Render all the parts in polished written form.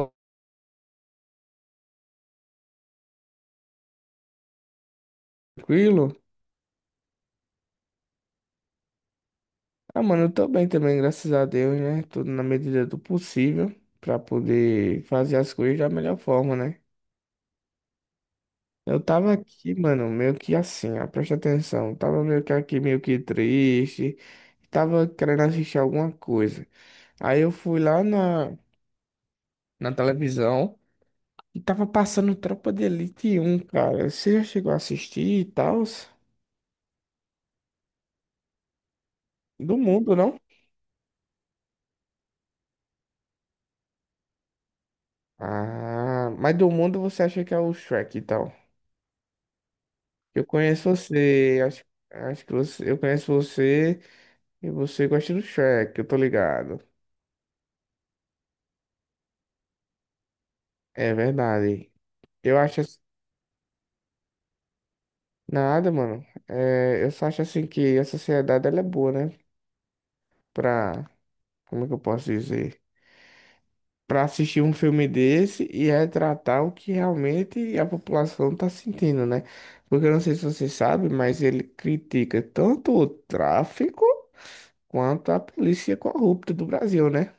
Ô, tranquilo? Ah, mano, eu tô bem também, graças a Deus, né? Tudo na medida do possível pra poder fazer as coisas da melhor forma, né? Eu tava aqui, mano, meio que assim, ó, presta atenção. Eu tava meio que aqui, meio que triste. Tava querendo assistir alguma coisa. Aí eu fui lá na televisão e tava passando Tropa de Elite um, cara. Você já chegou a assistir e tal? Do mundo, não? Ah, mas do mundo você acha que é o Shrek e tal? Eu conheço você, acho, eu conheço você e você gosta do Shrek, eu tô ligado. É verdade. Eu acho ass- Nada, mano. É, eu só acho assim que a sociedade ela é boa, né? Pra, Como é que eu posso dizer? Pra assistir um filme desse e retratar o que realmente a população tá sentindo, né? Porque eu não sei se você sabe, mas ele critica tanto o tráfico quanto a polícia corrupta do Brasil, né?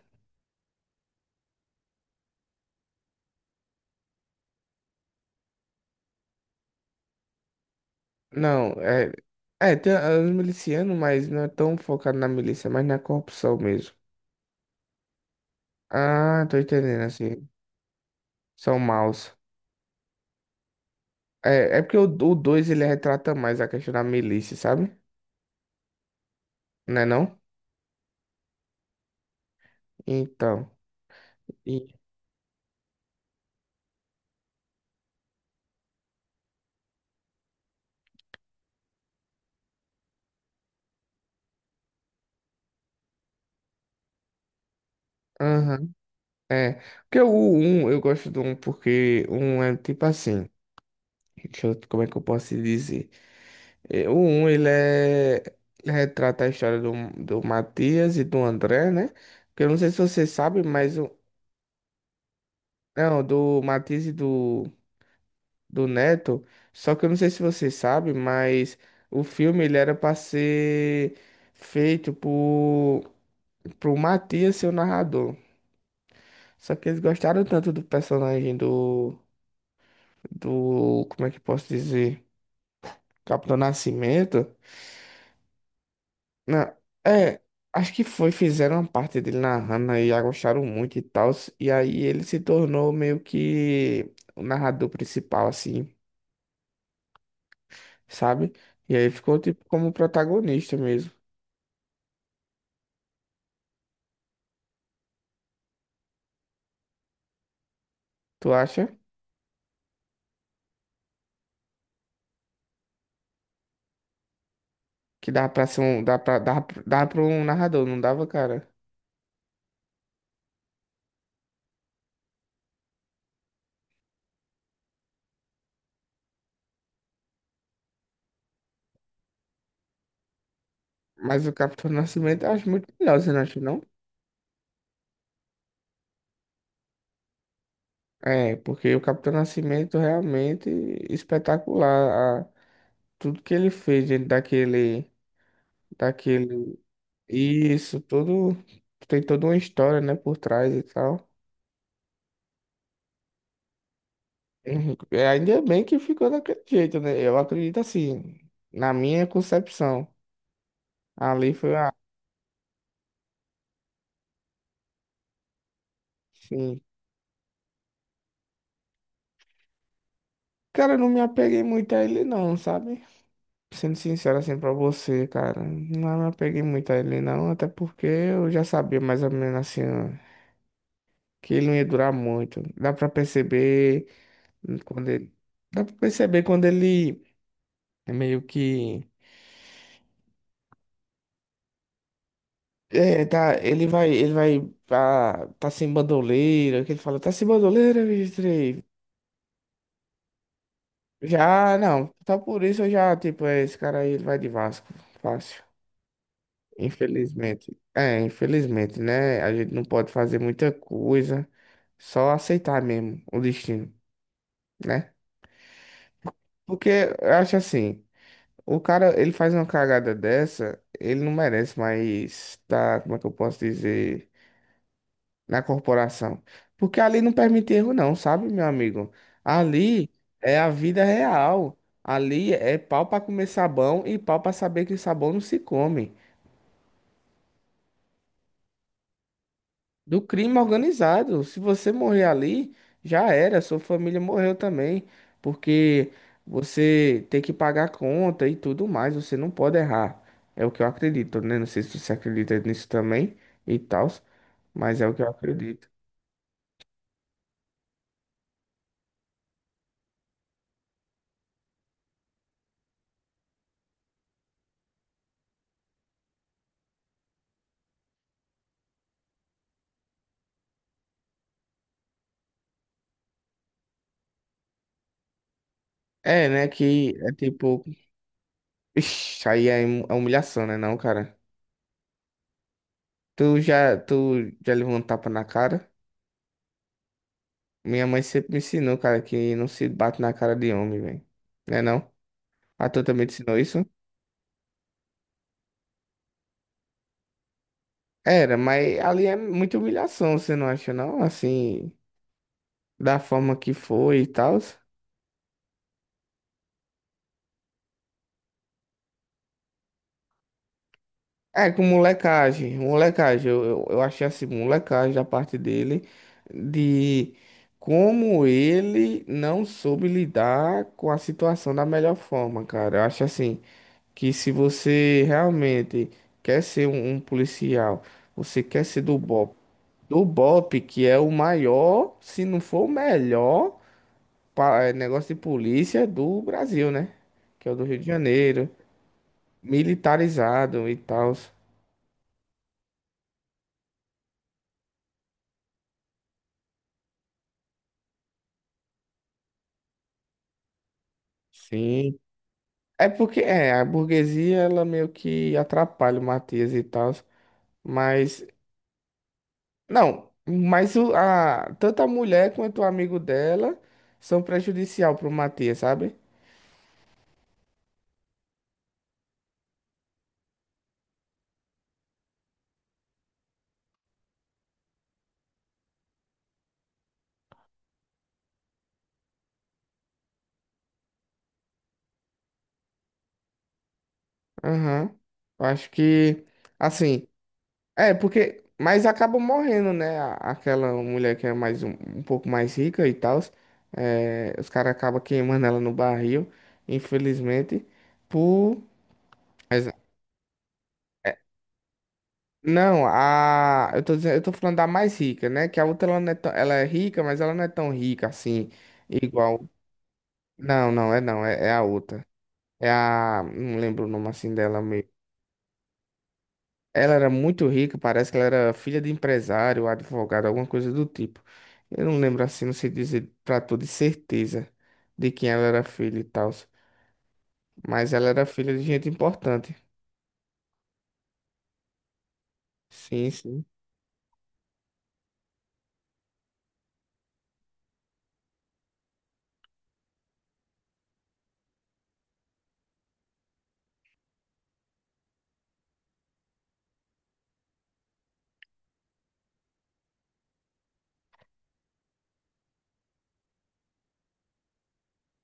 Não, é. É, tem os milicianos, mas não é tão focado na milícia, mas na corrupção mesmo. Ah, tô entendendo, assim. São maus. É porque o dois ele retrata mais a questão da milícia, sabe? Não é não? Então. E- Aham. É, porque o um eu gosto do um porque o 1 é tipo assim, como é que eu posso te dizer? É, o um ele retrata a história do Matias e do André, né? Porque eu não sei se você sabe, mas, não, do Matias e do Neto, só que eu não sei se você sabe, mas o filme, ele era para ser feito pro Matias ser o narrador. Só que eles gostaram tanto do personagem do, como é que eu posso dizer? Capitão Nascimento? Não, é, acho que foi, fizeram uma parte dele narrando aí, gostaram muito e tal. E aí ele se tornou meio que o narrador principal, assim, sabe? E aí ficou tipo como protagonista mesmo. Tu acha que dá pra ser um. Dá pra um narrador, não dava, cara? Mas o Capitão Nascimento eu acho muito melhor, você não acha, não? É, porque o Capitão Nascimento realmente espetacular. Tudo que ele fez dentro daquele. E isso tudo tem toda uma história, né, por trás e tal. Uhum. É, ainda bem que ficou daquele jeito, né? Eu acredito assim, na minha concepção. Ali foi a. Sim. Cara, eu não me apeguei muito a ele, não, sabe? Sendo sincero assim pra você, cara. Não me apeguei muito a ele, não. Até porque eu já sabia mais ou menos assim, ó, que ele não ia durar muito. Quando ele. Dá pra perceber quando ele meio que. É, tá, ele vai, tá sem bandoleira, que ele fala, tá sem bandoleira, Mistrei? Já, não, tá por isso eu já, tipo, é, esse cara aí, ele vai de Vasco, fácil, infelizmente. É, infelizmente, né, a gente não pode fazer muita coisa, só aceitar mesmo o destino, né? Porque eu acho assim, o cara, ele faz uma cagada dessa, ele não merece mais, tá, como é que eu posso dizer... na corporação. Porque ali não permite erro, não, sabe, meu amigo? Ali é a vida real. Ali é pau para comer sabão e pau para saber que sabão não se come. Do crime organizado. Se você morrer ali, já era. Sua família morreu também. Porque você tem que pagar a conta e tudo mais. Você não pode errar. É o que eu acredito, né? Não sei se você acredita nisso também e tal, mas é o que eu acredito. É, né? Que é tipo. Ixi, aí é humilhação, né, não, cara? Tu já levou um tapa na cara? Minha mãe sempre me ensinou, cara, que não se bate na cara de homem, velho. Né, não? A tua também te ensinou isso? Era, mas ali é muita humilhação, você não acha, não? Assim, da forma que foi e tal. É, com molecagem, molecagem, eu achei assim, molecagem da parte dele, de como ele não soube lidar com a situação da melhor forma, cara. Eu acho assim, que se você realmente quer ser um policial, você quer ser do BOP, que é o maior, se não for o melhor, negócio de polícia do Brasil, né? Que é o do Rio de Janeiro, militarizado e tal. Sim, é porque a burguesia ela meio que atrapalha o Matias e tal, mas não, tanto a mulher quanto o amigo dela são prejudicial pro Matias, sabe? Aham. Eu acho que assim, é porque mas acaba morrendo, né? Aquela mulher que é mais um pouco mais rica e tal, é, os caras acabam queimando ela no barril, infelizmente, por Exato. Não, a. Eu tô falando da mais rica, né? Que a outra ela não é tão, ela é rica, mas ela não é tão rica assim, igual. Não, não, é não, é a outra. É a. Não lembro o nome assim dela mesmo. Ela era muito rica, parece que ela era filha de empresário, advogado, alguma coisa do tipo. Eu não lembro assim, não sei dizer pra tu de certeza de quem ela era filha e tal. Mas ela era filha de gente importante. Sim, sim.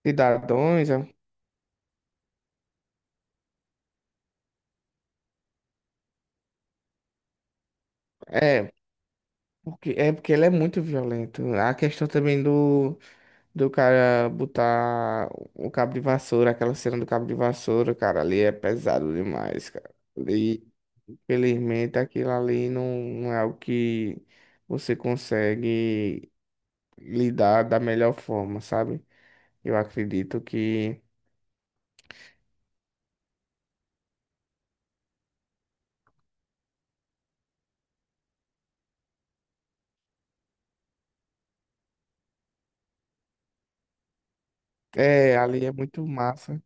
Cidadãos, é. É porque ele é muito violento. A questão também do cara botar o cabo de vassoura, aquela cena do cabo de vassoura, cara, ali é pesado demais, cara. E, infelizmente, aquilo ali não é o que você consegue lidar da melhor forma, sabe? Eu acredito que. É, ali é muito massa.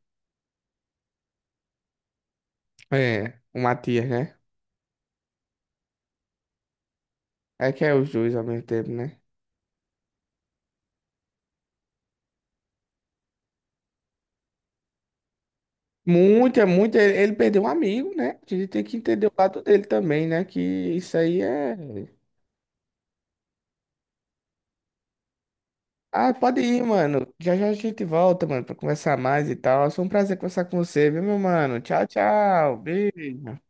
É, o Matias, né? É que é os dois ao mesmo tempo, né? Muito, é muito. Ele perdeu um amigo, né? A gente tem que entender o lado dele também, né? Que isso aí é. Ah, pode ir, mano. Já já a gente volta, mano, pra conversar mais e tal. Foi um prazer conversar com você, viu, meu mano? Tchau, tchau. Beijo.